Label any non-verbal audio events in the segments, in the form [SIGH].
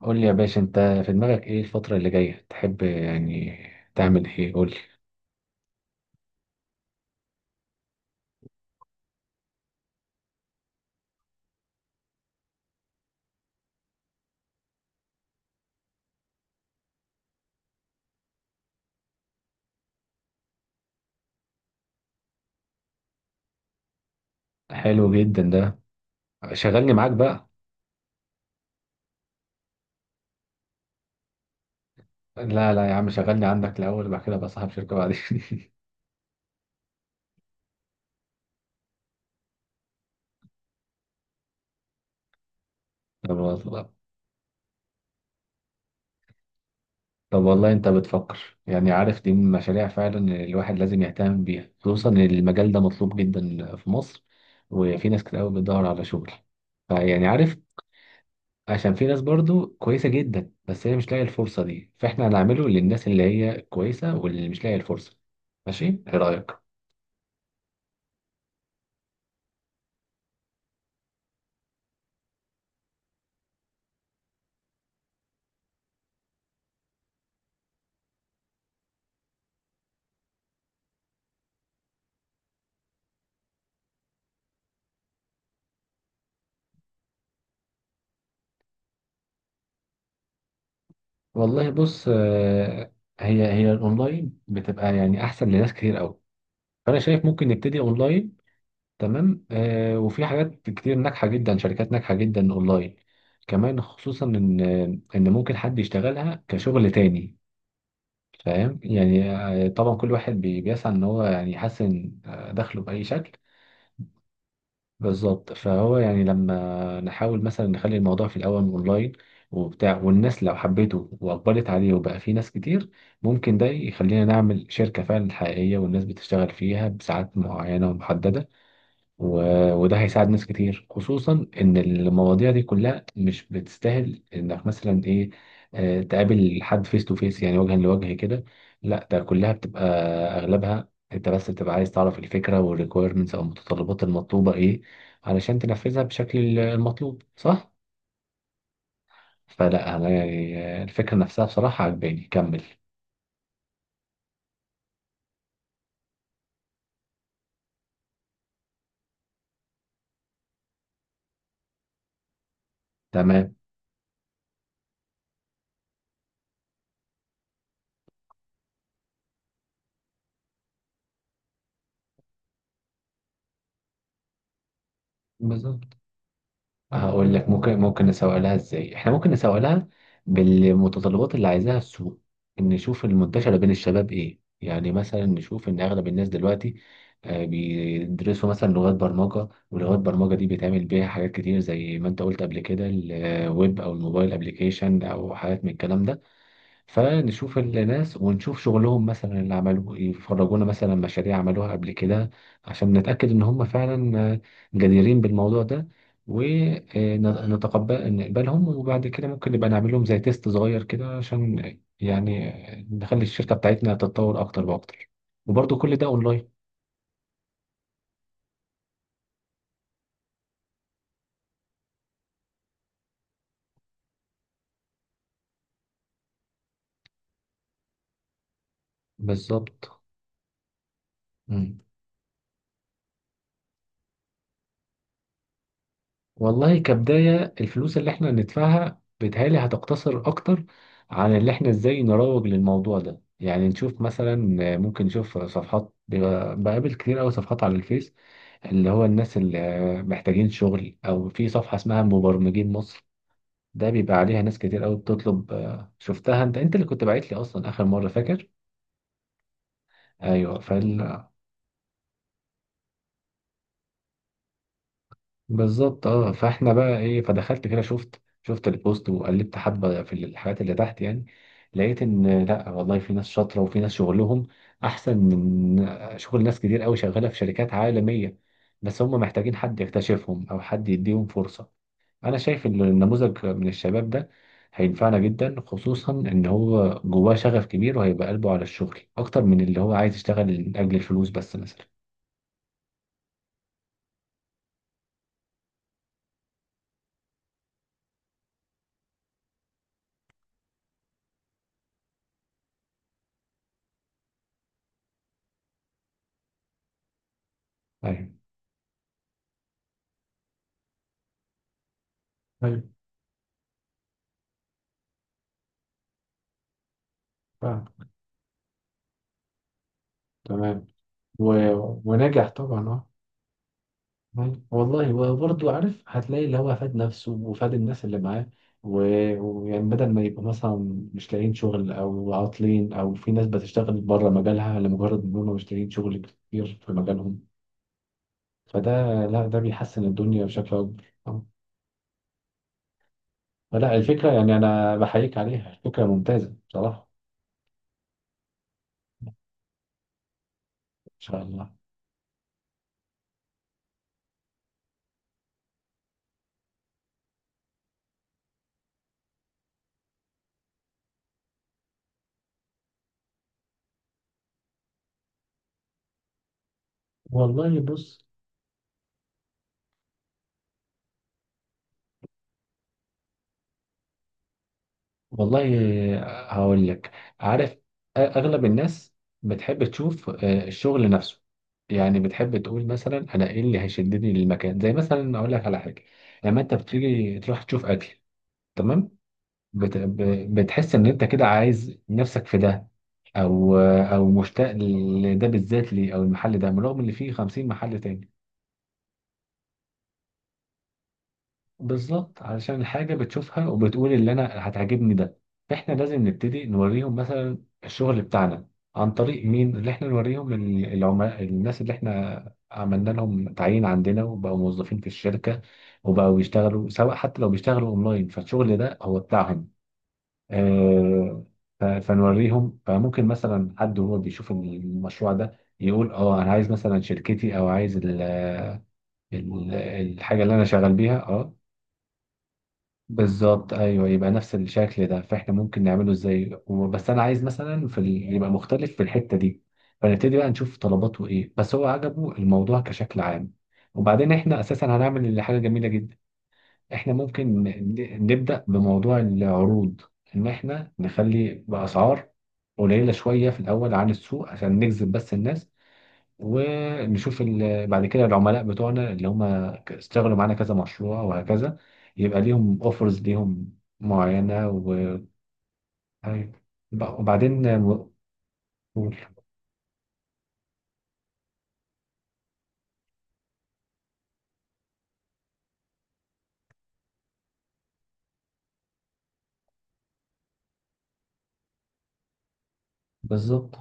قول لي يا باشا انت، في دماغك ايه الفترة اللي جاية تحب يعني تعمل ايه؟ قول لي. حلو جدا ده. شغلني معاك بقى. لا لا يا عم، شغلني عندك الاول وبعد كده بقى صاحب شركة بعدين. [LAUGHS] طب والله طب والله انت بتفكر، يعني عارف دي من المشاريع فعلا اللي الواحد لازم يهتم بيها، خصوصا ان المجال ده مطلوب جدا في مصر وفي ناس كتير قوي بتدور على شغل. فيعني عارف، عشان في ناس برضو كويسة جدا بس هي مش لاقية الفرصة دي، فاحنا هنعمله للناس اللي هي كويسة واللي مش لاقية الفرصة. ماشي، ايه رأيك؟ والله بص. هي الاونلاين بتبقى يعني احسن لناس كتير قوي، فانا شايف ممكن نبتدي اونلاين. تمام. وفي حاجات كتير ناجحة جدا، شركات ناجحة جدا اونلاين كمان، خصوصا ان ممكن حد يشتغلها كشغل تاني. فاهم يعني. طبعا كل واحد بيسعى ان هو يعني يحسن دخله بأي شكل. بالظبط، فهو يعني لما نحاول مثلا نخلي الموضوع في الأول أونلاين وبتاع، والناس لو حبته وأقبلت عليه وبقى فيه ناس كتير، ممكن ده يخلينا نعمل شركة فعلا حقيقية والناس بتشتغل فيها بساعات معينة ومحددة. وده هيساعد ناس كتير، خصوصا ان المواضيع دي كلها مش بتستاهل انك مثلا ايه، تقابل حد فيس تو فيس يعني وجها لوجه كده. لا، ده كلها بتبقى اغلبها انت بس بتبقى عايز تعرف الفكرة والريكويرمنتس او المتطلبات المطلوبة ايه علشان تنفذها بشكل المطلوب، صح؟ فلا انا يعني. الفكرة نفسها بصراحة عجباني. كمل. تمام. بالظبط. هقول لك ممكن نسوق لها ازاي، احنا ممكن نسوق لها بالمتطلبات اللي عايزاها السوق. نشوف المنتشرة بين الشباب ايه، يعني مثلا نشوف ان اغلب الناس دلوقتي بيدرسوا مثلا لغات برمجة، ولغات برمجة دي بيتعمل بيها حاجات كتير زي ما انت قلت قبل كده، الويب او الموبايل ابليكيشن او حاجات من الكلام ده. فنشوف الناس ونشوف شغلهم مثلا اللي عملوه إيه، يفرجونا مثلا مشاريع عملوها قبل كده عشان نتأكد إن هم فعلا جديرين بالموضوع ده، ونتقبل نقبلهم. وبعد كده ممكن نبقى نعمل لهم زي تيست صغير كده، عشان يعني نخلي الشركة بتاعتنا تتطور أكتر وأكتر، وبرضه كل ده أونلاين. بالظبط. مم. والله كبداية الفلوس اللي احنا هندفعها بيتهيألي هتقتصر أكتر عن اللي احنا ازاي نروج للموضوع ده. يعني نشوف مثلا، ممكن نشوف صفحات، بقابل كتير أوي صفحات على الفيس، اللي هو الناس اللي محتاجين شغل، أو في صفحة اسمها مبرمجين مصر، ده بيبقى عليها ناس كتير أوي بتطلب. شفتها، انت اللي كنت باعت لي أصلا آخر مرة، فاكر؟ أيوه. بالظبط. اه فاحنا بقى ايه، فدخلت كده شفت البوست، وقلبت حبه في الحاجات اللي تحت، يعني لقيت ان لا والله في ناس شاطره وفي ناس شغلهم احسن من شغل ناس كتير قوي شغاله في شركات عالميه، بس هم محتاجين حد يكتشفهم او حد يديهم فرصه. انا شايف ان النموذج من الشباب ده هينفعنا جدا، خصوصا ان هو جواه شغف كبير وهيبقى قلبه على الشغل اكتر من اللي هو عايز يشتغل لاجل الفلوس بس مثلا. أيوة. ايوه، فاهم. تمام. ونجح طبعا، اه. أيوة. والله وبرضه عارف هتلاقي اللي هو فاد نفسه وفاد الناس اللي معاه. ويعني بدل ما يبقوا مثلا مش لاقيين شغل او عاطلين، او في ناس بتشتغل بره مجالها لمجرد ان هم مش لاقيين شغل كتير في مجالهم. فده، لا ده بيحسن الدنيا بشكل اكبر. آه. فلا الفكره يعني انا بحييك عليها، الفكره ممتازه بصراحه. ان شاء الله. والله بص. والله هقول لك، عارف اغلب الناس بتحب تشوف الشغل نفسه. يعني بتحب تقول مثلا انا ايه اللي هيشدني للمكان، زي مثلا اقول لك على حاجه، لما انت بتيجي تروح تشوف اكل. تمام. بتحس ان انت كده عايز نفسك في ده، او مشتاق لده بالذات ليه، او المحل ده بالرغم ان فيه 50 محل تاني. بالظبط، علشان الحاجة بتشوفها وبتقول اللي أنا هتعجبني ده. فإحنا لازم نبتدي نوريهم مثلا الشغل بتاعنا، عن طريق مين اللي إحنا نوريهم؟ العملاء، الناس اللي إحنا عملنا لهم تعيين عندنا وبقوا موظفين في الشركة وبقوا يشتغلوا، سواء حتى لو بيشتغلوا أونلاين فالشغل ده هو بتاعهم. آه. فنوريهم. فممكن مثلا حد وهو بيشوف المشروع ده يقول اه انا عايز مثلا شركتي، او عايز الحاجه اللي انا شغال بيها، اه. بالظبط، ايوه، يبقى نفس الشكل ده. فاحنا ممكن نعمله ازاي، بس انا عايز مثلا في ال...، يبقى مختلف في الحته دي. فنبتدي بقى نشوف طلباته ايه، بس هو عجبه الموضوع كشكل عام. وبعدين احنا اساسا هنعمل اللي حاجه جميله جدا، احنا ممكن نبدا بموضوع العروض، ان احنا نخلي باسعار قليله شويه في الاول عن السوق عشان نجذب بس الناس، ونشوف بعد كده العملاء بتوعنا اللي هم اشتغلوا معانا كذا مشروع وهكذا، يبقى ليهم اوفرز، ليهم معينة و... أيوة. وبعدين بالظبط.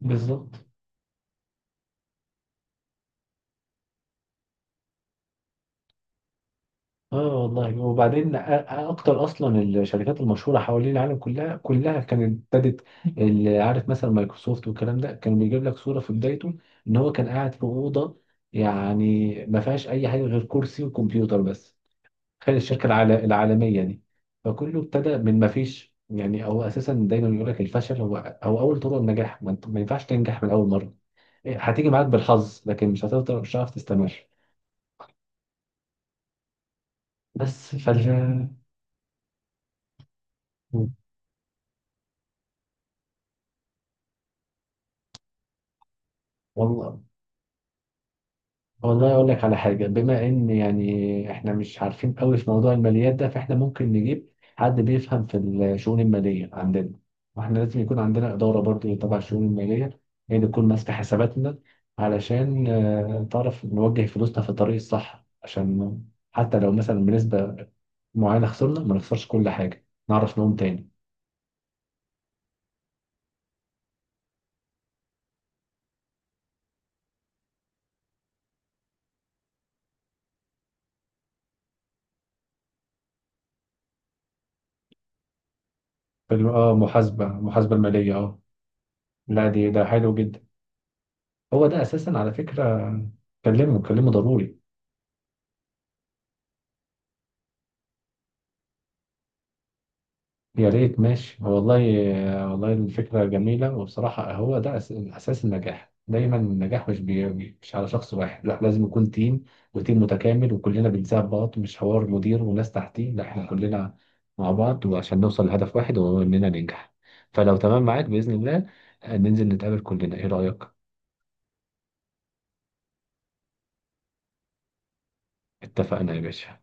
بالظبط. اه والله وبعدين اكتر اصلا الشركات المشهوره حوالين العالم، كلها كلها كانت ابتدت. اللي عارف مثلا مايكروسوفت والكلام ده، كان بيجيب لك صوره في بدايته ان هو كان قاعد في اوضه يعني ما فيهاش اي حاجه غير كرسي وكمبيوتر بس. تخيل الشركة العالمية دي. فكله ابتدى من ما فيش. يعني هو أساسا دايما يقول لك الفشل هو هو أول طرق النجاح. ما ينفعش تنجح من أول مرة. إيه، هتيجي معاك بالحظ لكن مش هتقدر، مش هتعرف تستمر. بس فال والله. والله اقول لك على حاجه، بما ان يعني احنا مش عارفين قوي في موضوع الماليات ده، فاحنا ممكن نجيب حد بيفهم في الشؤون الماليه عندنا. واحنا لازم يكون عندنا اداره برضه إيه تبع الشؤون الماليه، هي اللي تكون ماسكه حساباتنا. علشان تعرف نوجه فلوسنا في الطريق الصح، عشان حتى لو مثلا بنسبه معينه خسرنا ما نخسرش كل حاجه، نعرف نقوم تاني. اه، محاسبه محاسبه الماليه، اه. لا دي ده حلو جدا. هو ده اساسا على فكره. كلمه كلمه ضروري. يا ريت، ماشي والله. والله الفكرة جميلة، وبصراحة هو ده أساس النجاح دايما. النجاح مش على شخص واحد، لا لازم يكون تيم، وتيم متكامل وكلنا بنساعد بعض، مش حوار مدير وناس تحتيه، لا احنا كلنا مع بعض، وعشان نوصل لهدف واحد وهو إننا ننجح. فلو تمام معاك بإذن الله، ننزل نتقابل كلنا، إيه رأيك؟ اتفقنا يا باشا.